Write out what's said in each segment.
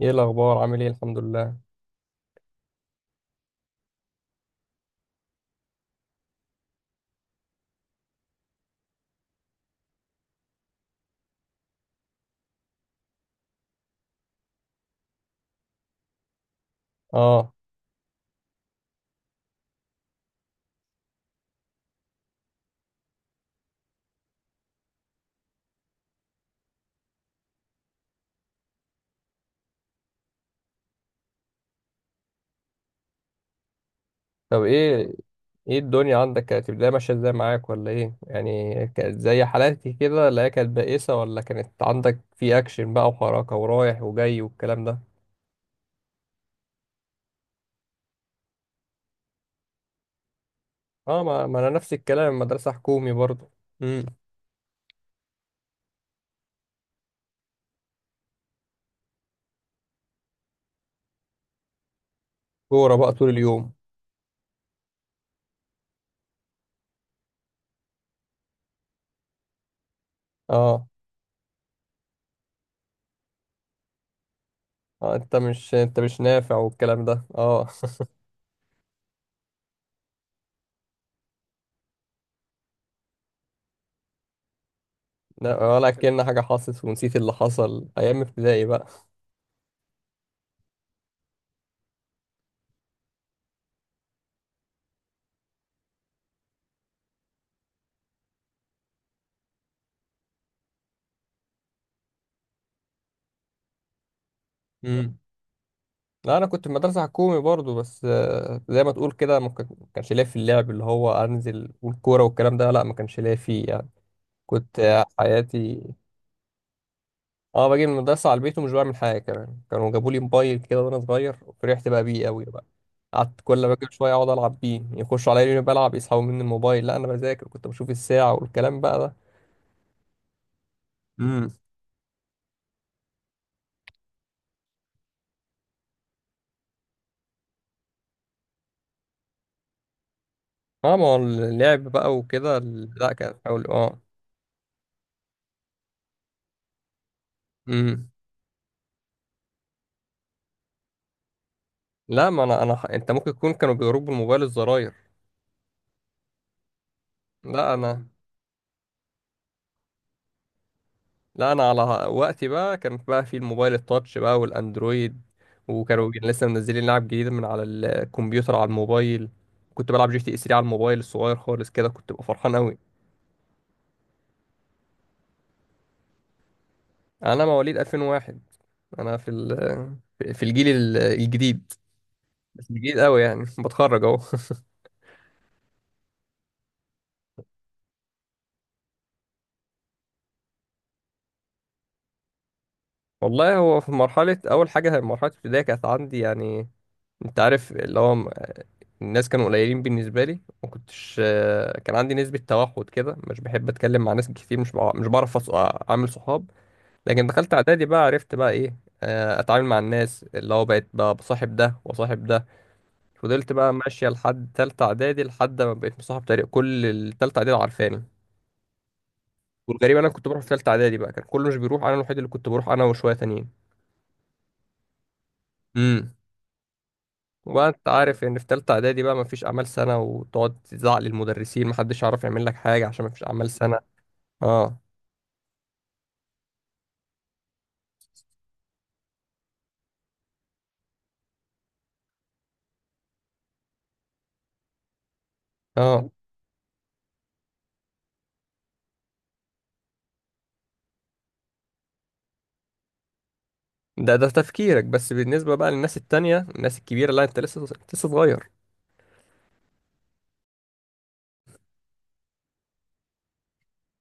ايه الاخبار، عامل ايه؟ الحمد لله. اه. طب ايه الدنيا عندك، كانت البدايه ماشيه ازاي معاك؟ ولا ايه يعني، كانت زي حالاتي كده؟ لا هي كانت بائسه، ولا كانت عندك في اكشن بقى وحركه ورايح وجاي والكلام ده؟ اه، ما انا نفس الكلام، مدرسه حكومي برضه. امم. كوره بقى طول اليوم. اه. انت مش نافع والكلام ده. اه. لا، ولا كأن حاجه حصلت ونسيت اللي حصل ايام ابتدائي بقى. لا انا كنت في مدرسه حكومي برضو، بس زي ما تقول كده، ما كانش ليا في اللعب اللي هو انزل والكوره والكلام ده. لا، ما كانش ليا فيه يعني. كنت حياتي. اه، باجي من المدرسه على البيت ومش بعمل حاجه. كمان كانوا جابوا لي موبايل كده وانا صغير، وفرحت بقى بيه قوي بقى. قعدت كل ما باجي شويه اقعد العب بيه، يخشوا عليا يقولوا لي بلعب يسحبوا مني الموبايل. لا انا بذاكر، كنت بشوف الساعه والكلام بقى ده. امم. اه، ما هو اللعب بقى وكده، لا كان حاول. اه. امم. لا، ما انت ممكن تكون كانوا بيضربوا الموبايل الزراير. لا انا لا انا على وقتي بقى، كان بقى في الموبايل التاتش بقى والاندرويد. وكانوا لسه منزلين لعب جديد من على الكمبيوتر على الموبايل. كنت بلعب جي تي اس 3 على الموبايل الصغير خالص كده، كنت ببقى فرحان قوي. انا مواليد 2001. انا في ال... في الجيل الجديد. بس الجديد قوي يعني، بتخرج اهو. والله، هو في مرحله، اول حاجه مرحله الابتدائي كانت عندي يعني، انت عارف اللي هو الناس كانوا قليلين بالنسبة لي. ما كنتش آه، كان عندي نسبة توحد كده، مش بحب اتكلم مع ناس كتير، مش بعرف اعمل صحاب. لكن دخلت اعدادي بقى، عرفت بقى ايه، اتعامل مع الناس. اللي هو بقيت بقى بصاحب ده وصاحب ده. فضلت بقى ماشية لحد تالتة اعدادي، لحد ما بقيت مصاحب تقريبا كل التالتة اعدادي عارفاني. وتقريبا انا كنت بروح في تالتة اعدادي بقى، كان كله مش بيروح، انا الوحيد اللي كنت بروح، انا وشوية تانيين. امم. وبقى انت عارف ان في تالتة اعدادي بقى مفيش اعمال سنة، وتقعد تزعق للمدرسين محدش يعرف يعمل لك حاجة عشان مفيش اعمال سنة. اه. اه، ده تفكيرك، بس بالنسبة بقى للناس التانية الناس الكبيرة، لا انت لسه صغير.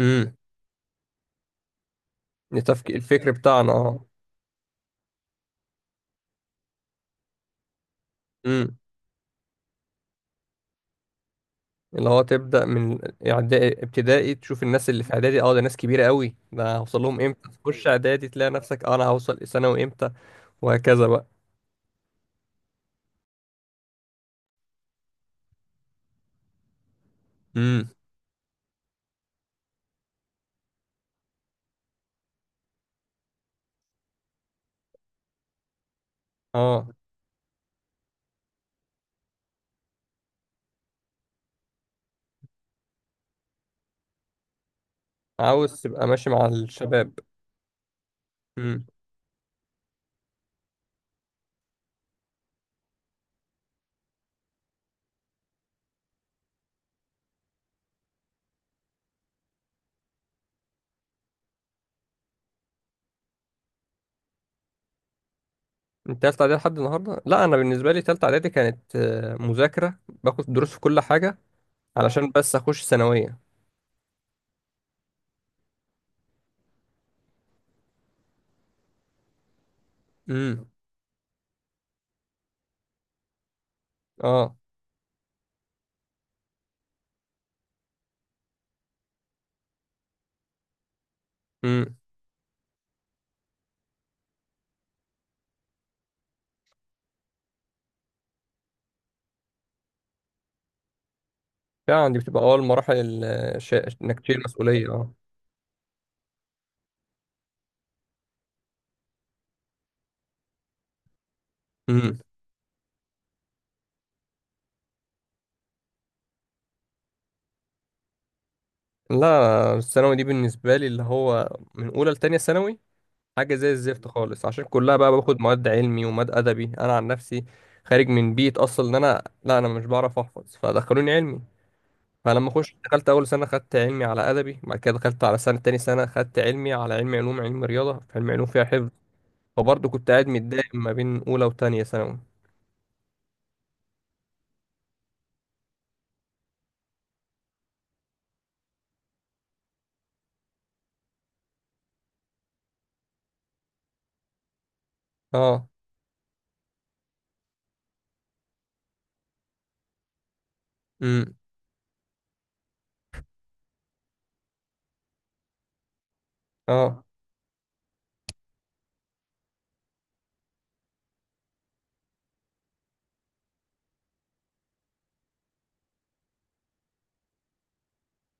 امم. التفكير، الفكر بتاعنا اه. امم. اللي هو تبدأ من ابتدائي، تشوف الناس اللي في اعدادي، اه ده ناس كبيرة قوي، ده هوصل لهم امتى؟ تخش اعدادي تلاقي نفسك، انا هوصل ثانوي امتى؟ وهكذا بقى. امم. اه، عاوز تبقى ماشي مع الشباب. امم. انت تالتة اعدادي لحد النهارده؟ لا، انا بالنسبة لي تالتة اعدادي كانت مذاكرة، باخد دروس في كل حاجة علشان بس اخش ثانوية. امم. اه. امم. فعلا دي بتبقى اول مراحل انك تشيل مسؤوليه. اه. امم. لا، الثانوي دي بالنسبه لي، اللي هو من اولى لتانية ثانوي، حاجه زي الزفت خالص، عشان كلها بقى باخد مواد علمي ومواد ادبي. انا عن نفسي خارج من بيت اصلا ان انا، لا انا مش بعرف احفظ فدخلوني علمي. فلما اخش دخلت اول سنه، خدت علمي على ادبي، بعد كده دخلت على سنه، تاني سنه خدت علمي على علمي علوم، علم رياضه في علمي علوم فيها حفظ. فبرضه كنت قاعد متضايق ما بين اولى وتانية ثانوي. اه. امم. اه.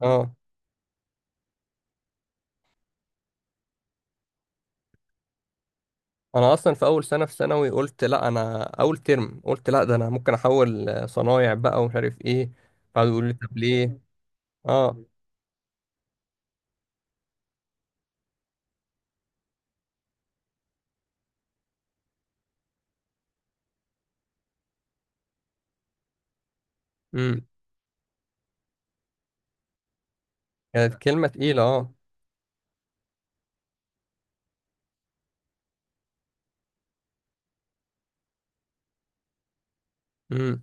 اه. انا اصلا في اول سنه في ثانوي قلت لا، انا اول ترم قلت لا، ده انا ممكن احول صنايع بقى ومش عارف ايه. قعدوا يقولوا لي طب ليه. اه. امم. كانت كلمه تقيله اه. امم.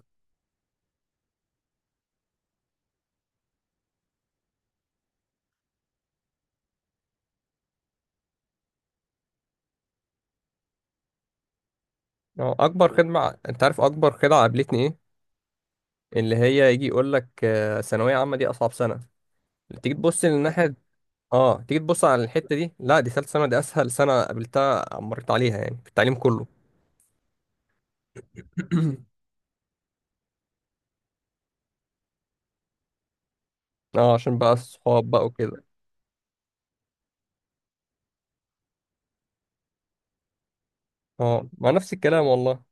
اه. اكبر خدمه، انت عارف اكبر خدعه قابلتني ايه؟ اللي هي يجي يقول لك ثانويه عامه دي اصعب سنه. تيجي تبص للناحيه. اه، تيجي تبص على الحته دي، لا دي ثالث سنه، دي اسهل سنه قابلتها مريت عليها يعني في التعليم كله. اه، عشان بقى الصحاب بقى وكده. اه، مع نفس الكلام والله.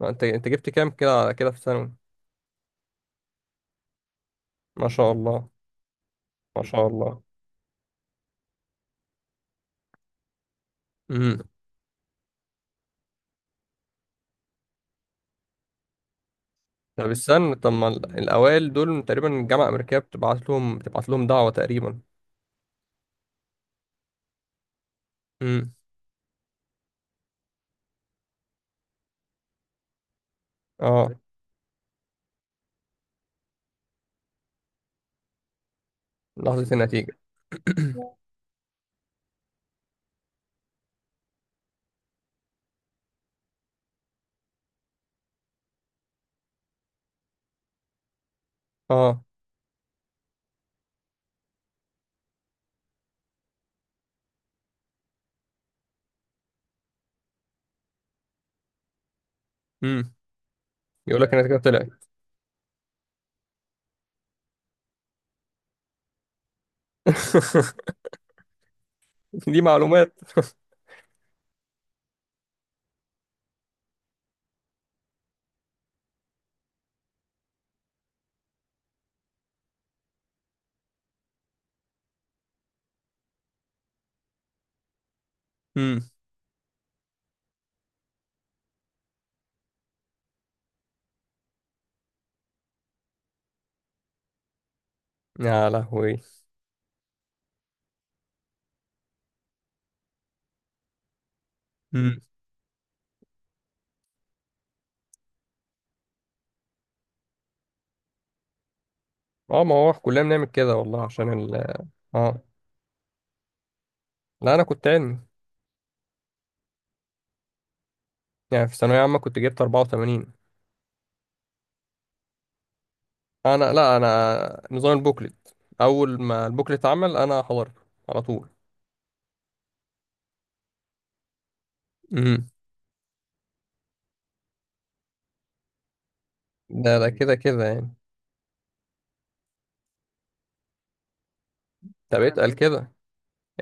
ما انت جبت كام كده كده في ثانوي؟ ما شاء الله. ما شاء الله. امم. طب استنى، طب ما الاوائل دول تقريبا الجامعه الامريكيه بتبعت لهم دعوه تقريبا. امم. اه، لحظه النتيجه. اه. امم. يقول لك النتيجه طلعت. دي معلومات. امم. يا لهوي. امم. اه. ما هو كلنا بنعمل كده والله عشان ال اه لا، انا كنت علمي. يعني في ثانويه عامه كنت جبت 84. انا، لا انا نظام البوكلت. اول ما البوكلت اتعمل انا حضرته على طول. امم. ده ده كده كده يعني. طب اتقل كده.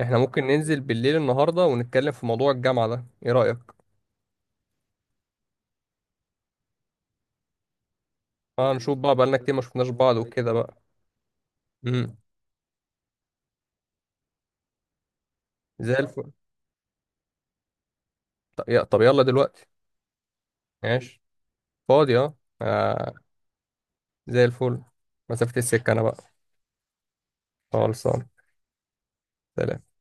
احنا ممكن ننزل بالليل النهارده ونتكلم في موضوع الجامعه ده، ايه رايك؟ اه، نشوف بقى بقالنا كتير ما شفناش بعض وكده بقى. امم. زي الفل. طب يلا دلوقتي. ماشي. فاضي اه. آه، زي الفل. مسافه السكه انا بقى. خلصان. سلام.